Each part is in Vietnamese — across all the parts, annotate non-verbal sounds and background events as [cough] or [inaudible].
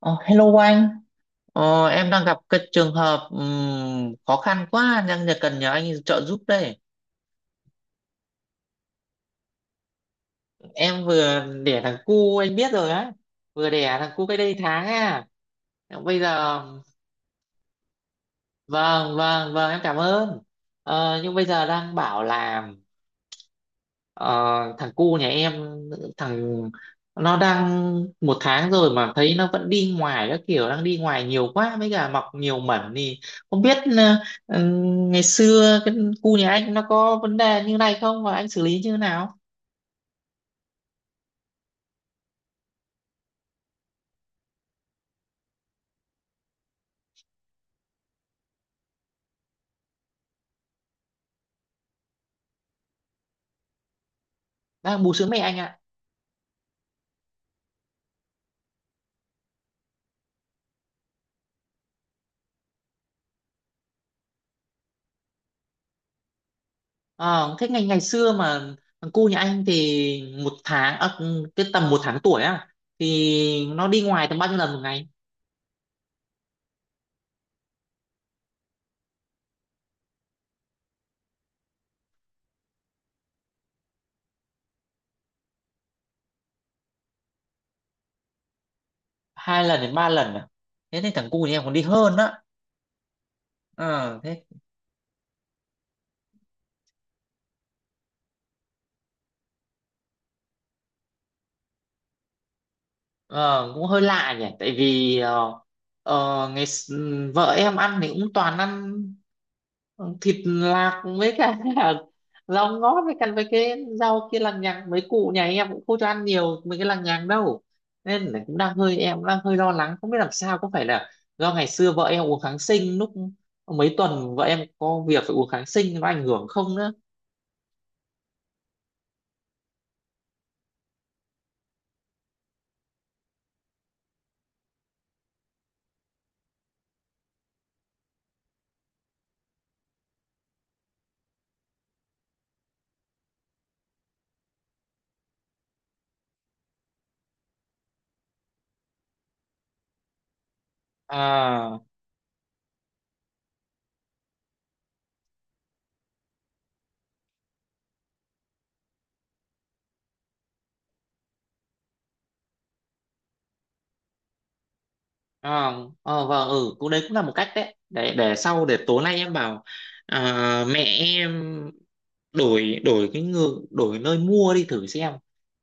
Ờ, Hello anh, em đang gặp cái trường hợp khó khăn quá đang cần nhờ anh trợ giúp đây. Em vừa đẻ thằng cu anh biết rồi á, vừa đẻ thằng cu cách đây tháng à. Bây giờ Vâng vâng vâng, em cảm ơn. Nhưng bây giờ đang bảo là, Ờ, thằng cu nhà em, thằng nó đang một tháng rồi mà thấy nó vẫn đi ngoài các kiểu, đang đi ngoài nhiều quá với cả mọc nhiều mẩn, thì không biết ừ, ngày xưa cu nhà anh nó có vấn đề như này không, và anh xử lý như thế nào? Đang bú sữa mẹ anh ạ. Ờ, Thế ngày ngày xưa mà thằng cu nhà anh thì một tháng à, cái tầm một tháng tuổi á, thì nó đi ngoài tầm bao nhiêu lần một ngày? 2 lần đến 3 lần à? Thế thì thằng cu nhà em còn đi hơn á. Ờ, Thế. Ờ, Cũng hơi lạ nhỉ, tại vì vợ em ăn thì cũng toàn ăn ờ, thịt lạc với cả [laughs] rau ngót với cả với cái rau kia lằng nhằng, mấy cụ nhà em cũng không cho ăn nhiều mấy cái lằng nhằng đâu, nên là cũng đang hơi, em cũng đang hơi lo lắng, không biết làm sao, có phải là do ngày xưa vợ em uống kháng sinh lúc mấy tuần, vợ em có việc phải uống kháng sinh nó ảnh hưởng không nữa à? Ờ, vâng, cũng đấy cũng là một cách đấy. Để sau, để tối nay em bảo mẹ em đổi đổi cái ngược đổi nơi mua đi thử xem,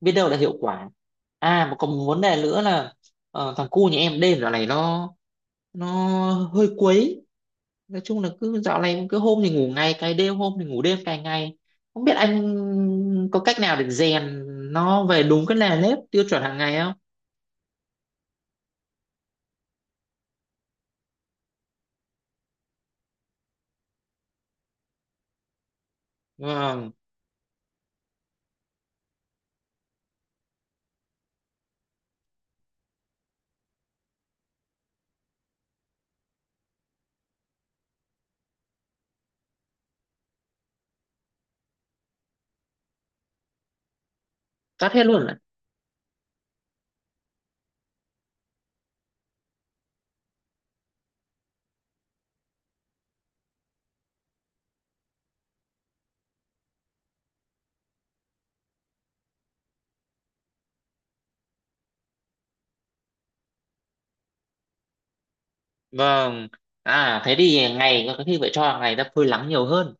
biết đâu là hiệu quả. À mà còn một vấn đề nữa là, thằng cu nhà em đêm dạo này nó, nó hơi quấy. Nói chung là cứ dạo này, cứ hôm thì ngủ ngày cày đêm, hôm thì ngủ đêm cày ngày, không biết anh có cách nào để rèn nó về đúng cái nề nếp tiêu chuẩn hàng ngày không? Vâng, tắt hết luôn? Vâng. À thế thì ngày có khi phải cho, hàng ngày ta phơi nắng nhiều hơn.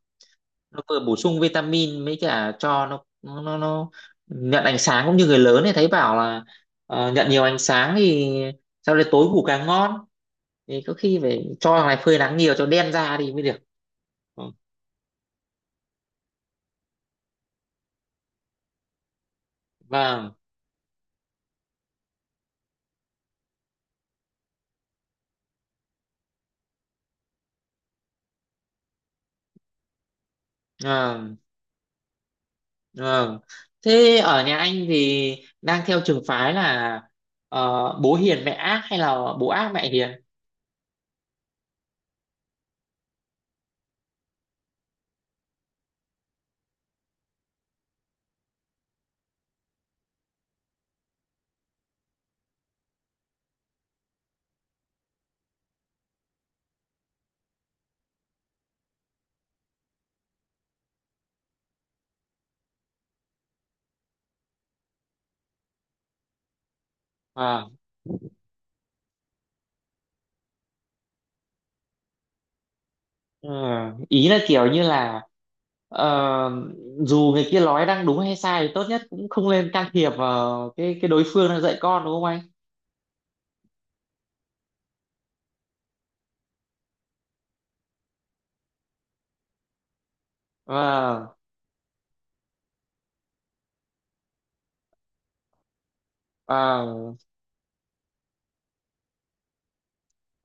Nó vừa bổ sung vitamin mới cả cho nó nhận ánh sáng cũng như người lớn, thì thấy bảo là nhận nhiều ánh sáng thì sau đấy tối ngủ càng ngon. Thì có khi phải cho thằng này phơi nắng nhiều cho đen da đi mới được. Ừ. Vâng, vâng, vâng. Thế ở nhà anh thì đang theo trường phái là, ờ, bố hiền mẹ ác hay là bố ác mẹ hiền? Vâng. Ờ, Ý là kiểu như là, ờ, dù người kia nói đang đúng hay sai thì tốt nhất cũng không nên can thiệp vào cái đối phương đang dạy con, đúng không anh? Vâng, vâng,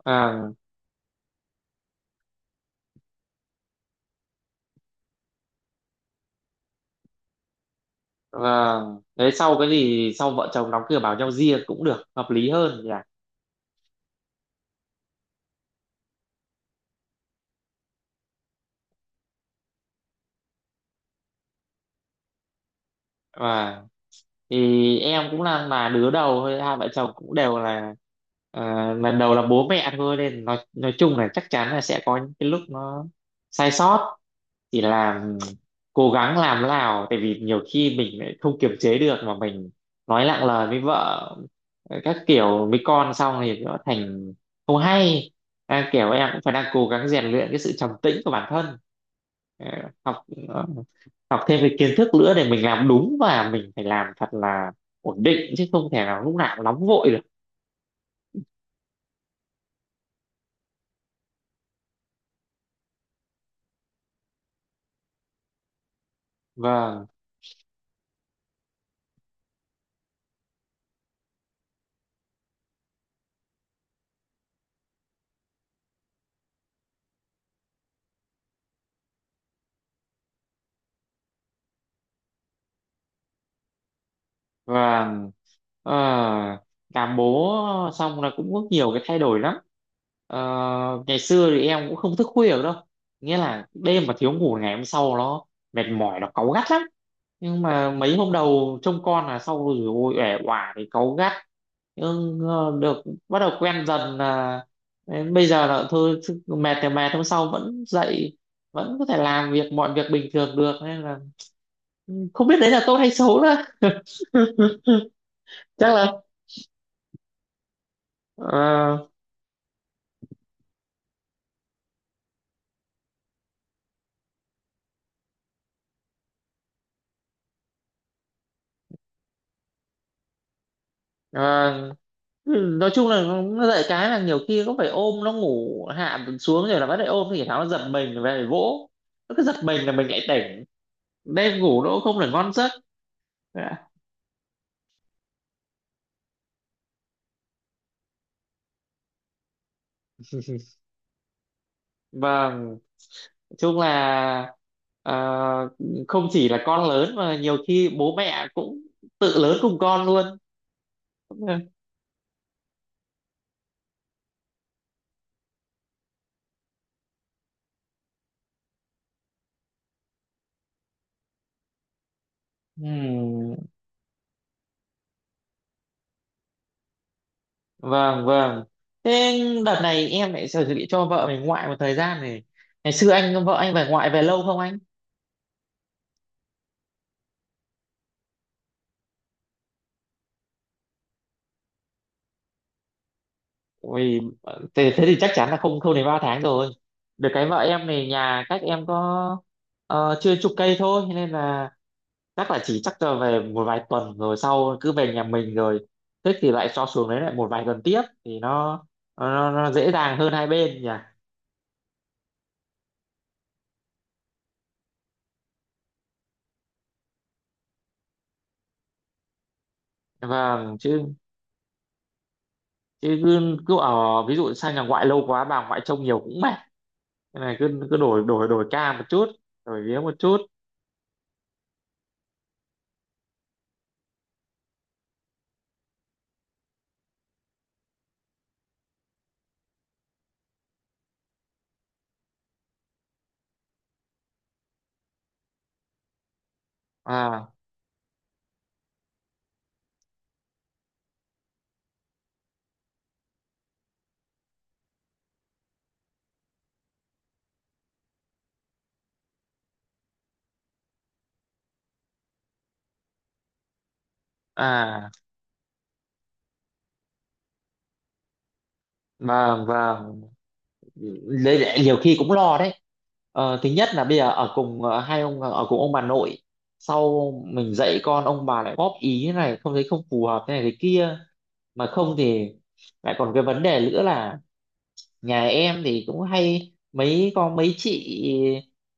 vâng, vâng. Đấy, sau cái gì sau vợ chồng đóng cửa bảo nhau riêng cũng được, hợp lý hơn nhỉ? Vâng. Thì em cũng là đứa đầu thôi, hai vợ chồng cũng đều là, lần đầu là bố mẹ thôi, nên nói chung là chắc chắn là sẽ có những cái lúc nó sai sót, chỉ là cố gắng làm thế nào, tại vì nhiều khi mình lại không kiềm chế được mà mình nói nặng lời với vợ, các kiểu với con, xong thì nó thành không hay. Kiểu em cũng phải đang cố gắng rèn luyện cái sự trầm tĩnh của bản thân. Ờ, học ờ, Học thêm cái kiến thức nữa để mình làm đúng, và mình phải làm thật là ổn định chứ không thể nào lúc nào cũng nóng vội được. Vâng. Và ờ, làm bố xong là cũng có nhiều cái thay đổi lắm. Ờ, Ngày xưa thì em cũng không thức khuya được đâu, nghĩa là đêm mà thiếu ngủ ngày hôm sau nó mệt mỏi, nó cáu gắt lắm. Nhưng mà mấy hôm đầu trông con là sau rồi ôi ẻ oả thì cáu gắt, nhưng được, bắt đầu quen dần, là đến bây giờ là thôi chứ, mệt thì mệt hôm sau vẫn dậy, vẫn có thể làm việc mọi việc bình thường được, nên là không biết đấy là tốt hay xấu nữa. [laughs] Chắc là ờ, ờ, ừ, nói chung là nó dạy cái là nhiều khi cũng phải ôm nó ngủ hạ xuống rồi là bắt lại ôm, thì tháo nó giật mình về vỗ, nó cứ giật mình là mình lại tỉnh, đêm ngủ nó cũng không được ngon giấc. Dạ. Vâng, nói chung là ờ, không chỉ là con lớn mà nhiều khi bố mẹ cũng tự lớn cùng con luôn. Ừm. Vâng, vâng. Thế đợt này em lại chuẩn bị cho vợ mình ngoại một thời gian này. Ngày xưa anh, vợ anh về ngoại về lâu không anh? Ui, thế thì chắc chắn là không không đến 3 tháng rồi. Được cái vợ em này, nhà cách em có chưa chục cây thôi, nên là chắc là về một vài tuần rồi sau cứ về nhà mình rồi, thích thì lại cho xuống đấy lại một vài tuần tiếp, thì nó dễ dàng hơn hai bên nhỉ. Vâng. Chứ chứ cứ ở ví dụ sang nhà ngoại lâu quá bà ngoại trông nhiều cũng mệt. Nên là cứ cứ đổi đổi đổi ca một chút, đổi vía một chút. À, à, vâng, vâng. Lấy lại nhiều khi cũng lo đấy. Thứ nhất là bây giờ ở cùng, hai ông, ở cùng ông bà nội, sau mình dạy con ông bà lại góp ý thế này không thấy không phù hợp thế này thế kia, mà không thì lại còn cái vấn đề nữa là nhà em thì cũng hay mấy con mấy chị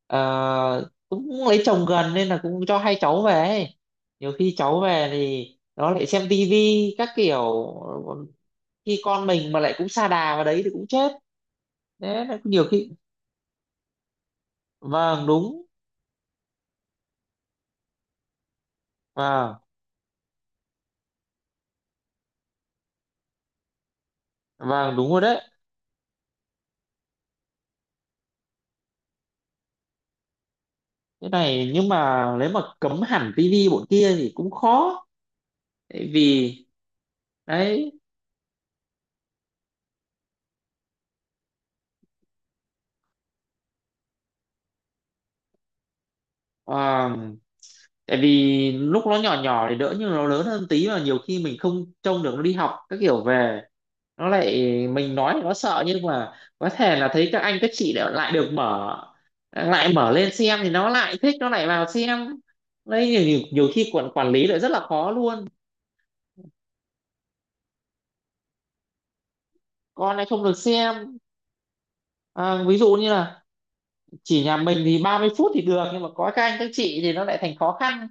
cũng lấy chồng gần, nên là cũng cho hai cháu về ấy. Nhiều khi cháu về thì nó lại xem tivi các kiểu, khi con mình mà lại cũng sa đà vào đấy thì cũng chết. Đấy là nhiều khi. Vâng đúng. Vâng, vâng, đúng rồi đấy. Cái này nhưng mà nếu mà cấm hẳn tivi bọn kia thì cũng khó, tại vì đấy, ờ, tại vì lúc nó nhỏ nhỏ thì đỡ, nhưng nó lớn hơn tí mà nhiều khi mình không trông được nó đi học các kiểu về, nó lại, mình nói thì nó sợ, nhưng mà có thể là thấy các anh các chị lại lại được mở, lại mở lên xem thì nó lại thích nó lại vào xem. Đấy nhiều khi quản quản lý lại rất là khó luôn. Con này không được xem. Ví dụ như là chỉ nhà mình thì 30 phút thì được, nhưng mà có các anh các chị thì nó lại thành khó khăn.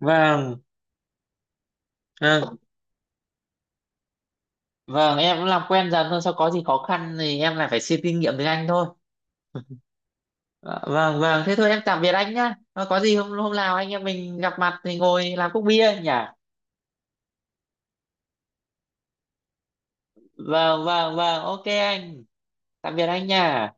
Vâng. à, vâng em cũng làm quen dần thôi, sau có gì khó khăn thì em lại phải xin kinh nghiệm từ anh thôi. [laughs] Ờ, vâng vâng, thế thôi em tạm biệt anh nhá. Ờ, có gì hôm hôm nào anh em mình gặp mặt thì ngồi làm cốc bia nhỉ. Vâng vâng vâng, ok anh, tạm biệt anh nha.